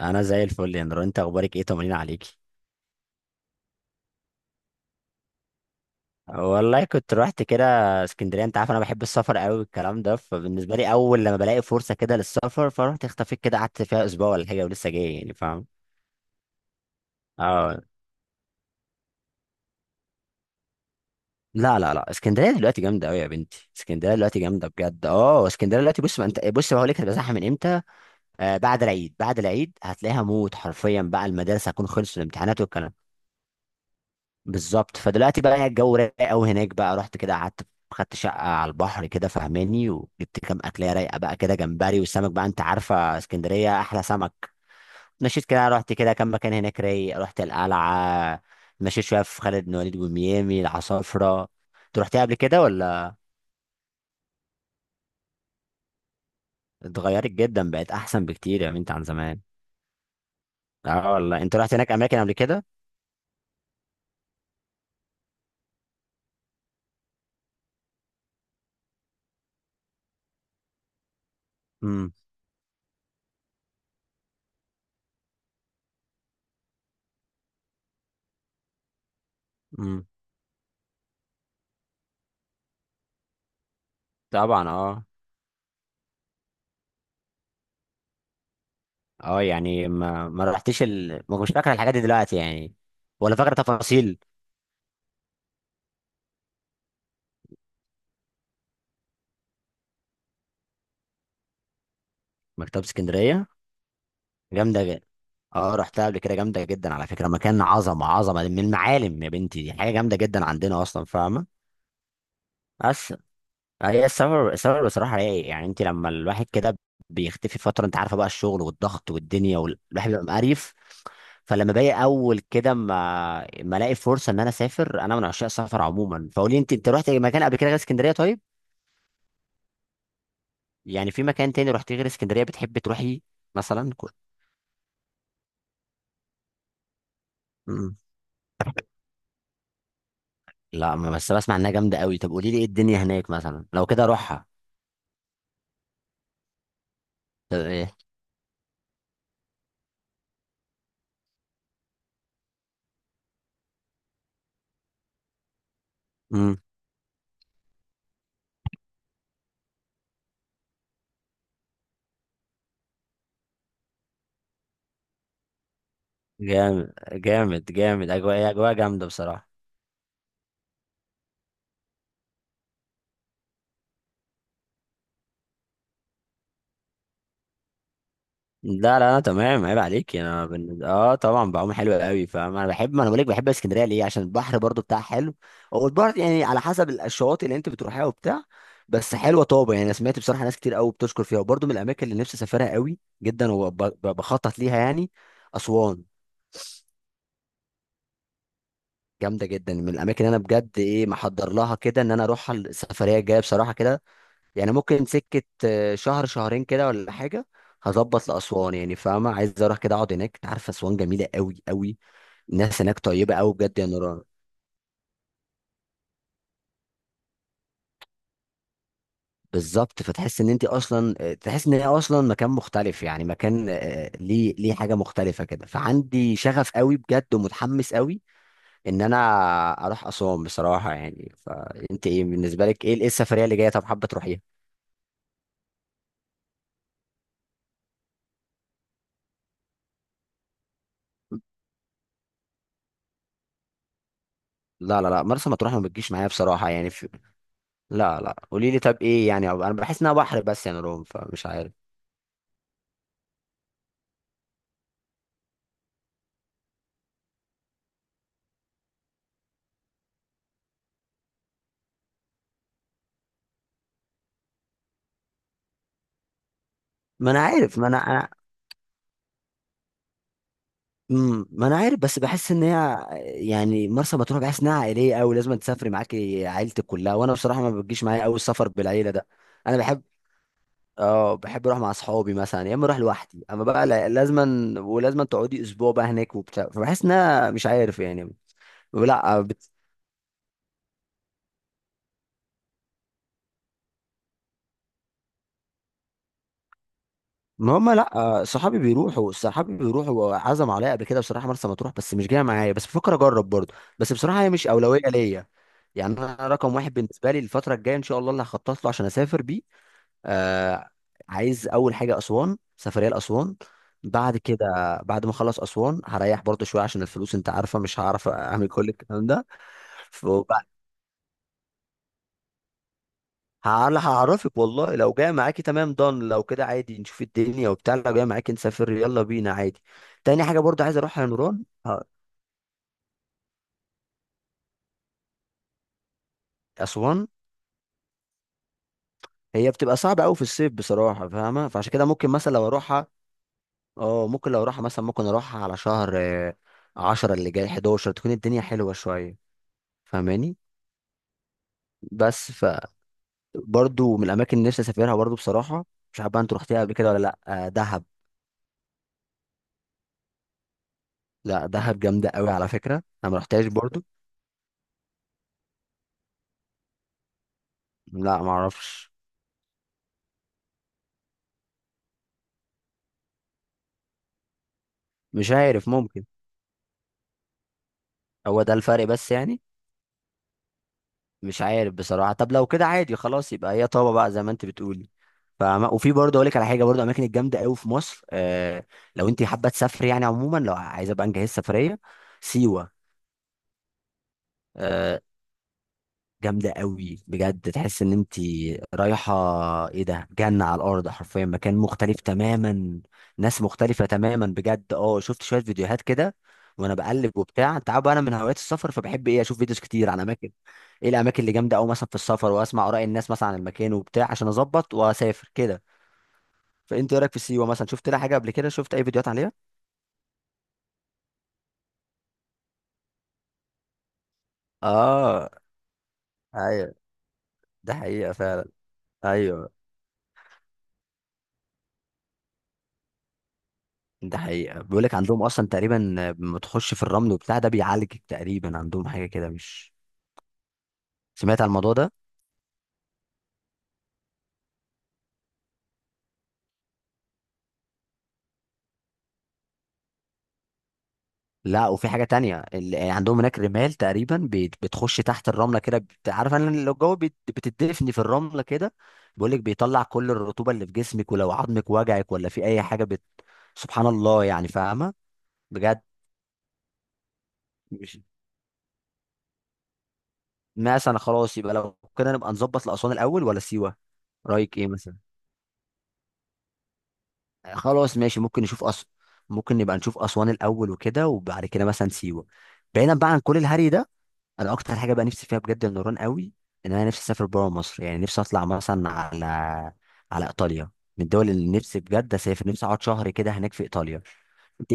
انا زي الفل يا نور، انت اخبارك ايه؟ طمنين عليكي. والله كنت رحت كده اسكندريه. انت عارف انا بحب السفر قوي والكلام ده، فبالنسبه لي اول لما بلاقي فرصه كده للسفر فرحت اختفيت كده، قعدت فيها اسبوع ولا حاجه ولسه جاي يعني فاهم. اه. لا لا لا، اسكندريه دلوقتي جامده قوي يا بنتي، اسكندريه دلوقتي جامده بجد. اه اسكندريه دلوقتي بص، ما انت بص بقول لك هتبقى زحمه من امتى؟ آه، بعد العيد بعد العيد هتلاقيها موت حرفيا بقى، المدارس هتكون خلصت الامتحانات والكلام. بالظبط، فدلوقتي بقى يعني الجو رايق قوي هناك بقى. رحت كده قعدت خدت شقه على البحر كده فهماني، وجبت كام اكليه رايقه بقى كده، جمبري والسمك بقى، انت عارفه اسكندريه احلى سمك. مشيت كده رحت كده كام مكان هناك رايق، رحت القلعه، مشيت شويه في خالد بن وليد وميامي العصافره. انت رحتيها قبل كده ولا؟ اتغيرت جدا، بقت احسن بكتير يا بنت عن زمان. اه والله، انت رحت هناك اماكن قبل كده؟ امم. امم. طبعا اه. اه يعني ما رحتش ما كنتش فاكر الحاجات دي دلوقتي يعني، ولا فاكر تفاصيل. مكتبة اسكندرية جامدة جدا. اه رحتها قبل كده جامدة جدا على فكرة، مكان عظمة عظمة من المعالم يا بنتي، دي حاجة جامدة جدا عندنا اصلا فاهمة. بس هي السبب بصراحة رايق، يعني انت لما الواحد كده بيختفي فترة انت عارفة بقى الشغل والضغط والدنيا والواحد بيبقى مقريف. فلما باجي اول كده ما الاقي فرصة ان انا اسافر، انا من عشاق السفر عموما. فقولي انت رحت مكان قبل كده غير اسكندرية طيب؟ يعني في مكان تاني رحتيه غير اسكندريه بتحبي تروحي؟ مثلا مم. لا بس بسمع انها جامده قوي. طب قولي لي ايه الدنيا هناك مثلا لو كده اروحها؟ طب ايه؟ مم. جامد جامد جامد، اجواء اجواء جامده بصراحه. لا لا لا تمام، عيب عليك يعني. انا اه طبعا بعوم حلو قوي فاهم. انا بحب، ما انا بقول لك، بحب اسكندريه ليه؟ عشان البحر برضو بتاعها حلو. هو البحر يعني على حسب الشواطئ اللي انت بتروحيها وبتاع. بس حلوه طابه يعني، انا سمعت بصراحه ناس كتير قوي بتشكر فيها، وبرضو من الاماكن اللي نفسي اسافرها قوي جدا، وبخطط ليها يعني. اسوان جامده جدا، من الاماكن اللي انا بجد ايه محضر لها كده ان انا اروح السفريه الجايه بصراحه كده. يعني ممكن سكة شهر شهرين كده ولا حاجة. هظبط لأسوان يعني فاهمة، عايز أروح كده أقعد هناك. أنت عارفة أسوان جميلة أوي أوي، الناس هناك طيبة أوي بجد يا نوران. بالظبط، فتحس إن أنت أصلا تحس إن هي أصلا مكان مختلف يعني، مكان ليه حاجة مختلفة كده. فعندي شغف أوي بجد ومتحمس أوي إن أنا أروح أسوان بصراحة يعني. فأنت إيه بالنسبة لك، إيه السفرية اللي جاية؟ طب حابة تروحيها؟ لا لا لا، مرسى مطروح ما بتجيش معايا بصراحة يعني. لا لا، قولي لي. طب ايه يعني؟ انا بحس انها بحر بس يا نوران، فمش عارف. ما انا عارف، ما انا ما انا عارف، بس بحس ان هي يعني مرسى مطروح بحس انها عائليه قوي، لازم تسافري معاكي عيلتك كلها، وانا بصراحه ما بتجيش معايا قوي السفر بالعيله ده. انا بحب، اه بحب اروح مع اصحابي مثلا، يا اما اروح لوحدي. اما بقى لازما ولازما تقعدي اسبوع بقى هناك وبتاع، فبحس انها مش عارف يعني. لا، ما هم لا، صحابي بيروحوا، صحابي بيروحوا وعزم عليا قبل كده بصراحه مرسى مطروح، بس مش جايه معايا. بس بفكر اجرب برضه، بس بصراحه هي مش اولويه ليا. يعني انا رقم واحد بالنسبه لي الفتره الجايه ان شاء الله اللي هخطط له عشان اسافر بيه، آه، عايز اول حاجه اسوان، سفريه لاسوان. بعد كده، بعد ما اخلص اسوان هريح برضه شويه عشان الفلوس انت عارفه، مش هعرف اعمل كل الكلام ده. هعرفك والله، لو جاي معاكي تمام، ضن لو كده عادي نشوف الدنيا وبتاع، لو جاي معاكي نسافر يلا بينا عادي. تاني حاجة برضه عايز اروحها يا نوران، اسوان هي بتبقى صعبة قوي في الصيف بصراحة فاهمة، فعشان كده ممكن مثلا لو اروحها، اه ممكن لو اروحها مثلا، ممكن اروحها على شهر عشرة اللي جاي 11 تكون الدنيا حلوة شوية فاهماني. بس ف برضه من الاماكن اللي نفسي اسافرها برضه بصراحة، مش عارف بقى انت رحتيها قبل كده ولا لا، دهب. لا دهب جامدة قوي على فكرة. انا ما رحتهاش برضه. لا ما اعرفش. مش عارف ممكن. هو ده الفرق بس يعني. مش عارف بصراحة، طب لو كده عادي خلاص، يبقى هي طابة بقى زي ما انت بتقولي. فما وفي برضه اقول لك على حاجة، برضه اماكن الجامدة قوي في مصر آه، لو انت حابة تسافري يعني عموما، لو عايزة بقى نجهز سفرية، سيوة. آه جامدة قوي بجد، تحس ان انت رايحة ايه ده، جنة على الارض حرفيا، مكان مختلف تماما، ناس مختلفة تماما بجد. اه شفت شوية فيديوهات كده، وانا بقلب وبتاع، انت عارف بقى انا من هوايات السفر فبحب ايه، اشوف فيديوز كتير عن اماكن، ايه الاماكن اللي جامدة قوي مثلا في السفر، واسمع اراء الناس مثلا عن المكان وبتاع عشان اظبط واسافر كده. فانت ايه رايك في سيوة مثلا؟ شفت لها حاجة قبل كده؟ شفت اي فيديوهات عليها؟ اه. ايوه ده حقيقة فعلا. ايوه ده حقيقة، بيقول لك عندهم أصلا تقريبا لما تخش في الرمل وبتاع ده بيعالج تقريبا، عندهم حاجة كده مش، سمعت عن الموضوع ده؟ لا وفي حاجة تانية عندهم هناك رمال تقريبا بتخش تحت الرملة كده عارف، أنا لو الجو بتدفني في الرملة كده، بيقول لك بيطلع كل الرطوبة اللي في جسمك، ولو عظمك وجعك ولا في أي حاجة سبحان الله يعني فاهمة؟ بجد مش، مثلا خلاص يبقى لو كده نبقى نظبط لأسوان الأول ولا سيوة؟ رأيك إيه مثلا؟ خلاص ماشي، ممكن نشوف ممكن نبقى نشوف أسوان الأول وكده، وبعد كده مثلا سيوة. بعيدا بقى عن كل الهري ده، أنا أكتر حاجة بقى نفسي فيها بجد من نوران قوي إن أنا نفسي أسافر بره مصر يعني، نفسي أطلع مثلا على على إيطاليا، من الدول اللي نفسي بجد أسافر، نفسي أقعد شهر كده هناك في إيطاليا. أنت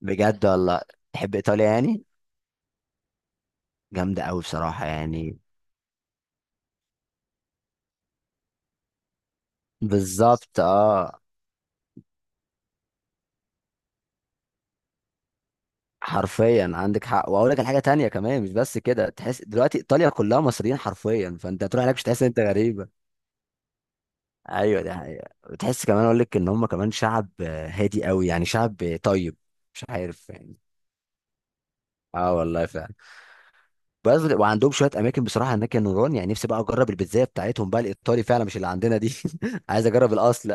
بجد والله تحب إيطاليا يعني؟ جامدة قوي بصراحة يعني. بالظبط أه، حرفيا عندك حق. واقول لك الحاجه تانية كمان، مش بس كده، تحس دلوقتي ايطاليا كلها مصريين حرفيا، فانت هتروح هناك مش تحس ان انت غريب. ايوه ده حقيقة. بتحس كمان اقول لك ان هم كمان شعب هادي قوي، يعني شعب طيب. مش عارف يعني. اه والله فعلا. بس وعندهم شويه اماكن بصراحه هناك يا نوران، يعني نفسي بقى اجرب البيتزا بتاعتهم بقى الايطالي فعلا مش اللي عندنا دي عايز اجرب الاصل.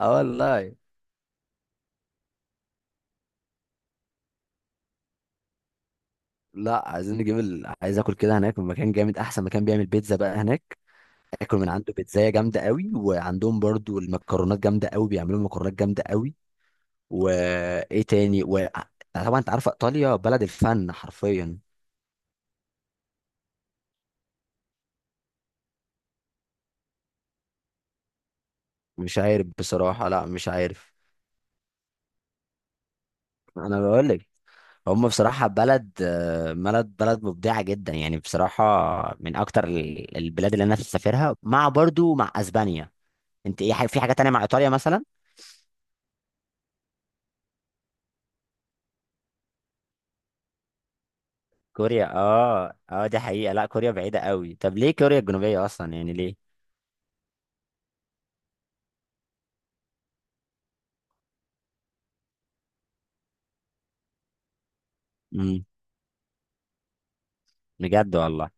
اه والله. لا عايزين نجيب عايز اكل كده هناك من مكان جامد، احسن مكان بيعمل بيتزا بقى هناك، اكل من عنده بيتزا جامده قوي. وعندهم برضو المكرونات جامده قوي، بيعملوا مكرونات جامده قوي. وايه تاني و... طبعا انت عارفه ايطاليا بلد الفن حرفيا. مش عارف بصراحة، لا مش عارف. انا بقول لك هم بصراحة بلد بلد مبدعة جدا يعني بصراحة، من اكتر البلاد اللي انا نفسي اسافرها، مع برضو مع اسبانيا. انت ايه في حاجة تانية مع ايطاليا مثلا؟ كوريا، اه اه دي حقيقة، لا كوريا بعيدة قوي، طب ليه كوريا الجنوبية اصلا يعني ليه؟ امم. بجد والله.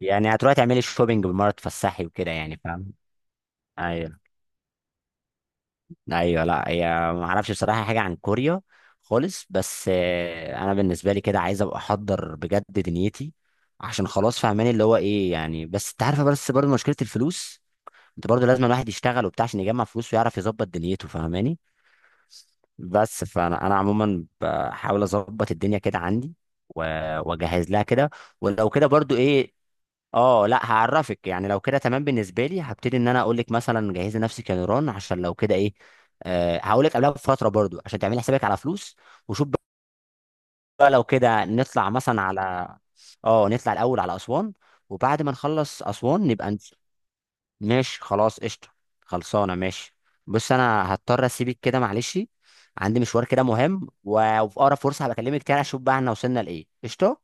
يعني هتروحي تعملي شوبينج بالمرة، تفسحي وكده يعني فاهم. ايوه ايوه لا هي، ما اعرفش بصراحه حاجه عن كوريا خالص، بس انا بالنسبه لي كده عايز ابقى احضر بجد دنيتي، عشان خلاص فاهماني اللي هو ايه يعني. بس انت عارفه بس برضه مشكله الفلوس، انت برضه لازم الواحد يشتغل وبتاع عشان يجمع فلوس ويعرف يظبط دنيته فاهماني. بس فانا انا عموما بحاول اظبط الدنيا كده عندي و- واجهز لها كده. ولو كده برضو ايه، اه لا هعرفك يعني لو كده تمام، بالنسبه لي هبتدي ان انا اقول لك مثلا جهزي نفسك يا نيران عشان لو كده ايه، أه هقول لك قبلها بفتره برضو عشان تعملي حسابك على فلوس وشوف بقى، لو كده نطلع مثلا على اه، نطلع الاول على اسوان، وبعد ما نخلص اسوان نبقى ماشي خلاص قشطه، خلصانه ماشي. بص انا هضطر اسيبك كده معلش، عندي مشوار كده مهم وفي اقرب فرصه هبكلمك تاني، اشوف بقى احنا وصلنا لايه قشطه.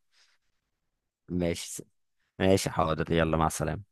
ماشي. ماشي حاضر يلا مع السلامه.